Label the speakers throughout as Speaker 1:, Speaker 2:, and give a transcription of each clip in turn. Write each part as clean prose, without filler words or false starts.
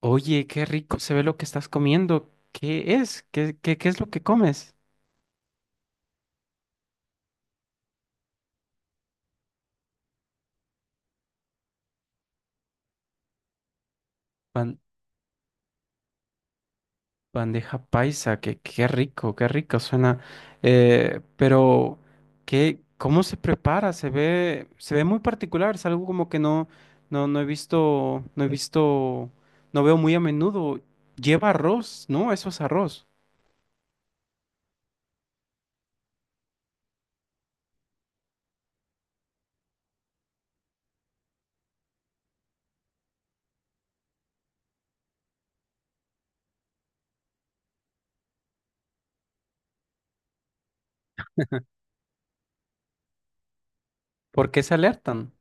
Speaker 1: Oye, qué rico se ve lo que estás comiendo. ¿Qué es? ¿Qué es lo que comes? Ban- Bandeja paisa, que qué rico suena. Eh, pero, cómo se prepara? Se ve muy particular, es algo como que no he visto, no veo muy a menudo. Lleva arroz, ¿no? Eso es arroz. ¿Por qué se alertan?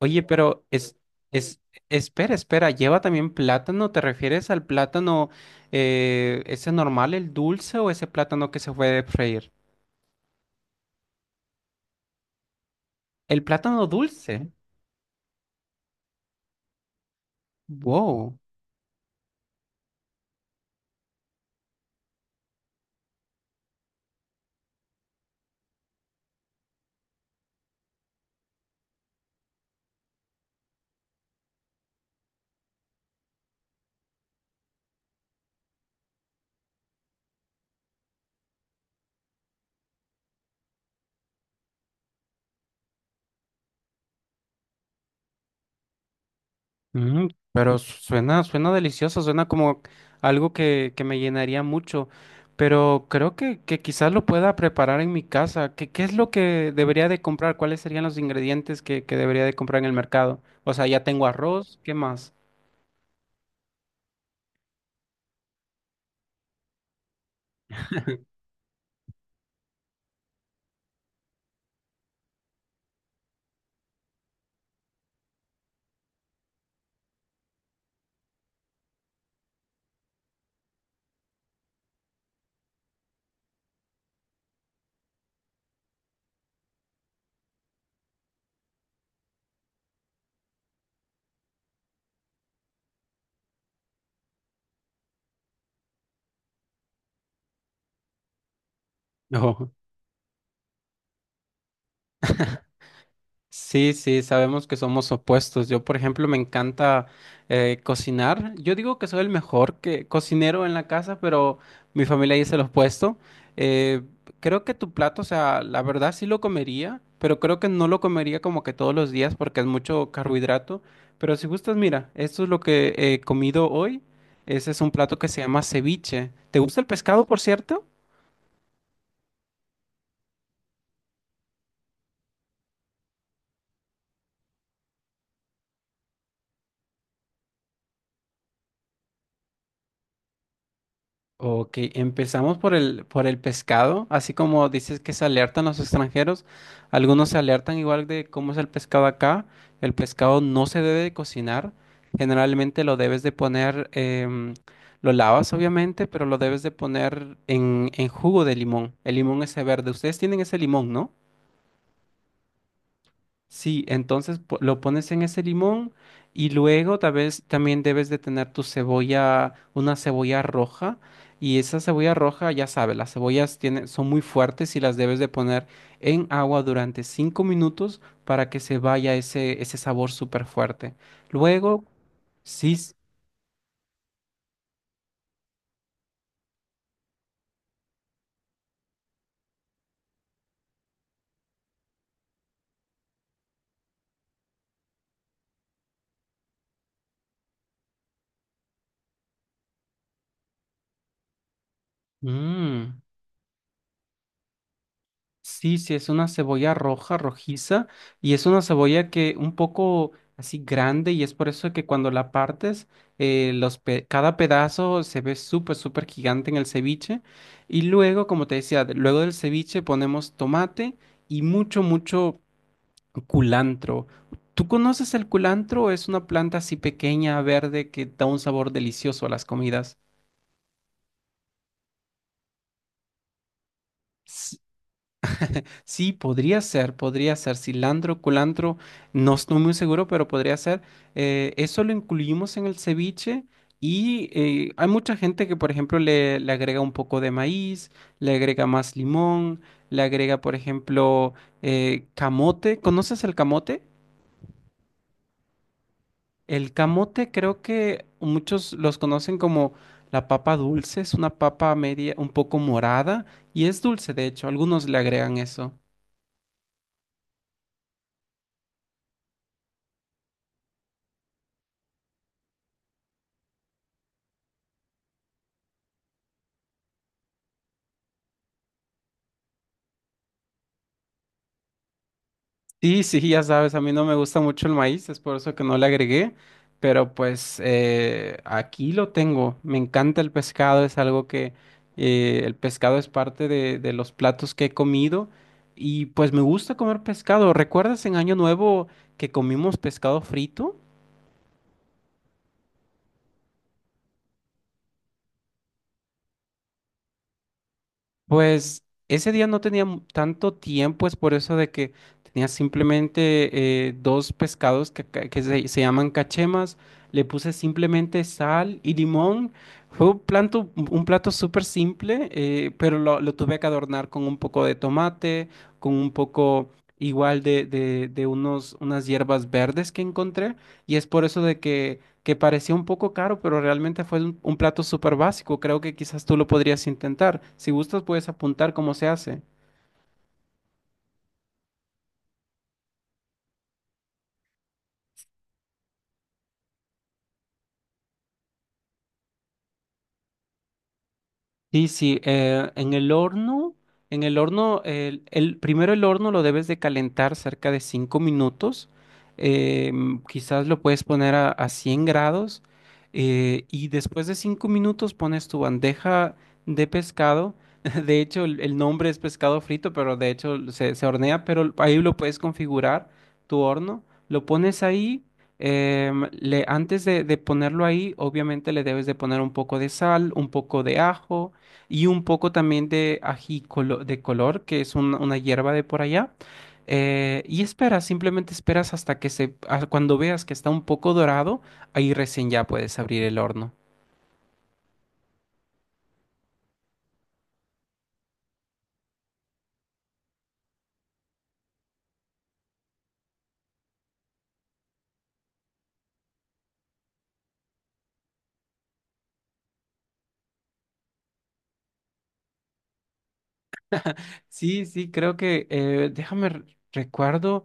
Speaker 1: Oye, pero es, espera, espera, ¿lleva también plátano? ¿Te refieres al plátano ese normal, el dulce, o ese plátano que se puede freír? El plátano dulce. Wow. Mm, pero suena, suena delicioso, suena como algo que me llenaría mucho. Pero creo que quizás lo pueda preparar en mi casa. Qué es lo que debería de comprar? ¿Cuáles serían los ingredientes que debería de comprar en el mercado? O sea, ya tengo arroz, ¿qué más? No. Sí, sí, sabemos que somos opuestos. Yo, por ejemplo, me encanta cocinar. Yo digo que soy el mejor cocinero en la casa, pero mi familia dice lo opuesto. Eh, creo que tu plato, o sea, la verdad sí lo comería, pero creo que no lo comería como que todos los días porque es mucho carbohidrato. Pero si gustas, mira, esto es lo que he comido hoy. Ese es un plato que se llama ceviche. ¿Te gusta el pescado, por cierto? Ok, empezamos por por el pescado, así como dices que se alertan los extranjeros, algunos se alertan igual de cómo es el pescado acá, el pescado no se debe de cocinar, generalmente lo debes de poner, lo lavas obviamente, pero lo debes de poner en jugo de limón, el limón ese verde, ustedes tienen ese limón, ¿no? Sí, entonces lo pones en ese limón y luego tal vez también debes de tener tu cebolla, una cebolla roja, y esa cebolla roja, ya sabes, las cebollas tienen, son muy fuertes y las debes de poner en agua durante 5 minutos para que se vaya ese, ese sabor súper fuerte. Luego, sí, s- mm. Sí, sí, es una cebolla roja, rojiza, y es una cebolla que un poco así grande, y es por eso que cuando la partes, cada pedazo se ve súper, súper gigante en el ceviche. Y luego, como te decía, luego del ceviche ponemos tomate y mucho, mucho culantro. ¿Tú conoces el culantro? Es una planta así pequeña, verde, que da un sabor delicioso a las comidas. Sí, podría ser cilantro, culantro, no estoy muy seguro, pero podría ser. Eso lo incluimos en el ceviche y hay mucha gente que, por ejemplo, le agrega un poco de maíz, le agrega más limón, le agrega, por ejemplo, camote. ¿Conoces el camote? El camote creo que muchos los conocen como la papa dulce, es una papa media, un poco morada y es dulce, de hecho, algunos le agregan eso. Sí, sí, ya sabes, a mí no me gusta mucho el maíz, es por eso que no le agregué, pero pues aquí lo tengo, me encanta el pescado, es algo que el pescado es parte de los platos que he comido y pues me gusta comer pescado. ¿Recuerdas en Año Nuevo que comimos pescado frito? Pues ese día no tenía tanto tiempo, es por eso de que tenía simplemente dos pescados que se llaman cachemas. Le puse simplemente sal y limón. Fue un plato súper simple, pero lo tuve que adornar con un poco de tomate, con un poco igual de unas hierbas verdes que encontré. Y es por eso de que parecía un poco caro, pero realmente fue un plato súper básico. Creo que quizás tú lo podrías intentar. Si gustas, puedes apuntar cómo se hace. Sí, sí, en el horno, primero el horno lo debes de calentar cerca de 5 minutos, quizás lo puedes poner a 100 grados y después de 5 minutos pones tu bandeja de pescado, de hecho el nombre es pescado frito, pero de hecho se hornea, pero ahí lo puedes configurar tu horno, lo pones ahí, antes de ponerlo ahí, obviamente le debes de poner un poco de sal, un poco de ajo, y un poco también de ají de color, que es una hierba de por allá. Y esperas, simplemente esperas hasta que cuando veas que está un poco dorado, ahí recién ya puedes abrir el horno. Sí, sí, creo que, recuerdo.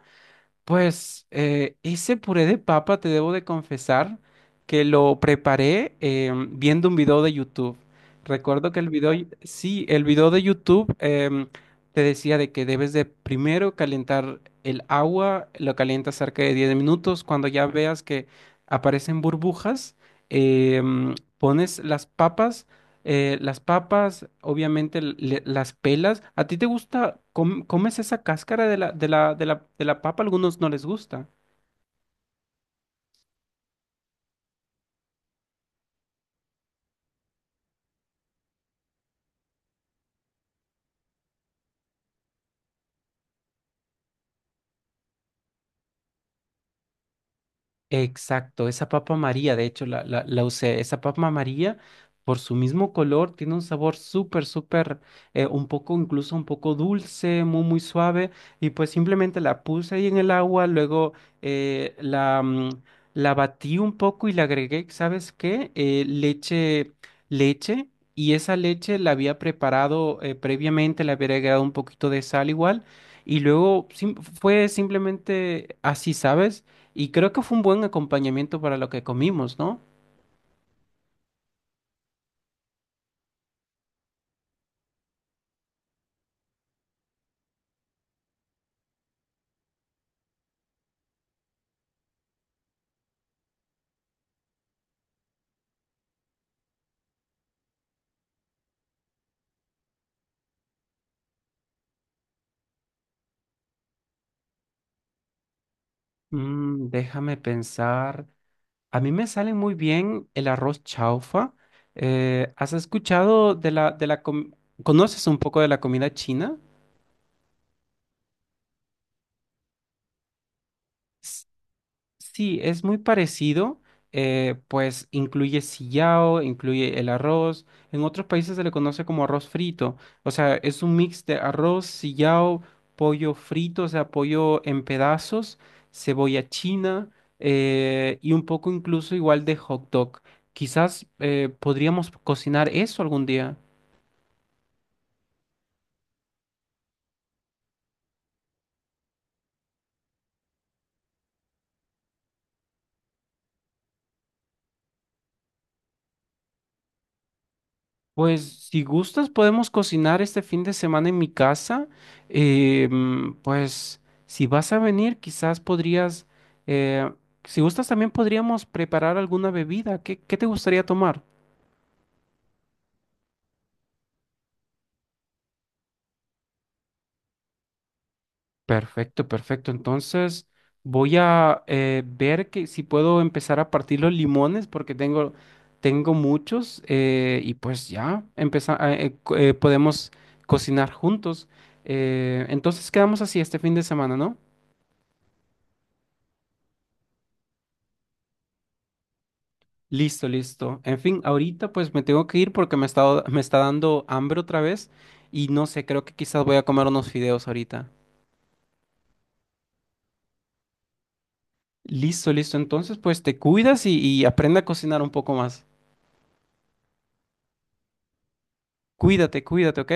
Speaker 1: Pues ese puré de papa, te debo de confesar que lo preparé viendo un video de YouTube. Recuerdo que el video, sí, el video de YouTube em, te decía de que debes de primero calentar el agua, lo calientas cerca de 10 minutos. Cuando ya veas que aparecen burbujas, em, pones las papas, obviamente las pelas. ¿A ti te gusta, comes esa cáscara de de la papa? Algunos no les gusta. Exacto, esa papa María, de hecho la usé, esa papa María por su mismo color tiene un sabor súper, súper, un poco, incluso un poco dulce, muy, muy suave, y pues simplemente la puse ahí en el agua, luego eh, la, mm, la batí un poco y le agregué, ¿sabes qué? Leche, leche, y esa leche la había preparado previamente, le había agregado un poquito de sal igual, y luego fue simplemente así, ¿sabes? Y creo que fue un buen acompañamiento para lo que comimos, ¿no? Mm, déjame pensar. A mí me sale muy bien el arroz chaufa. ¿Has escuchado de la com- ¿Conoces un poco de la comida china? Sí, es muy parecido, pues incluye sillao, incluye el arroz. En otros países se le conoce como arroz frito. O sea, es un mix de arroz, sillao, pollo frito, o sea, pollo en pedazos, cebolla china y un poco incluso igual de hot dog. Quizás podríamos cocinar eso algún día. Pues si gustas podemos cocinar este fin de semana en mi casa. Mm, pues si vas a venir, quizás podrías, eh, si gustas también podríamos preparar alguna bebida. Qué te gustaría tomar? Perfecto, perfecto. Entonces voy a ver que si puedo empezar a partir los limones porque tengo, tengo muchos y pues ya podemos cocinar juntos. Entonces quedamos así este fin de semana, ¿no? Listo, listo. En fin, ahorita pues me tengo que ir porque me está dando hambre otra vez y no sé, creo que quizás voy a comer unos fideos ahorita. Listo, listo. Entonces pues te cuidas y aprende a cocinar un poco más. Cuídate, cuídate, ¿ok?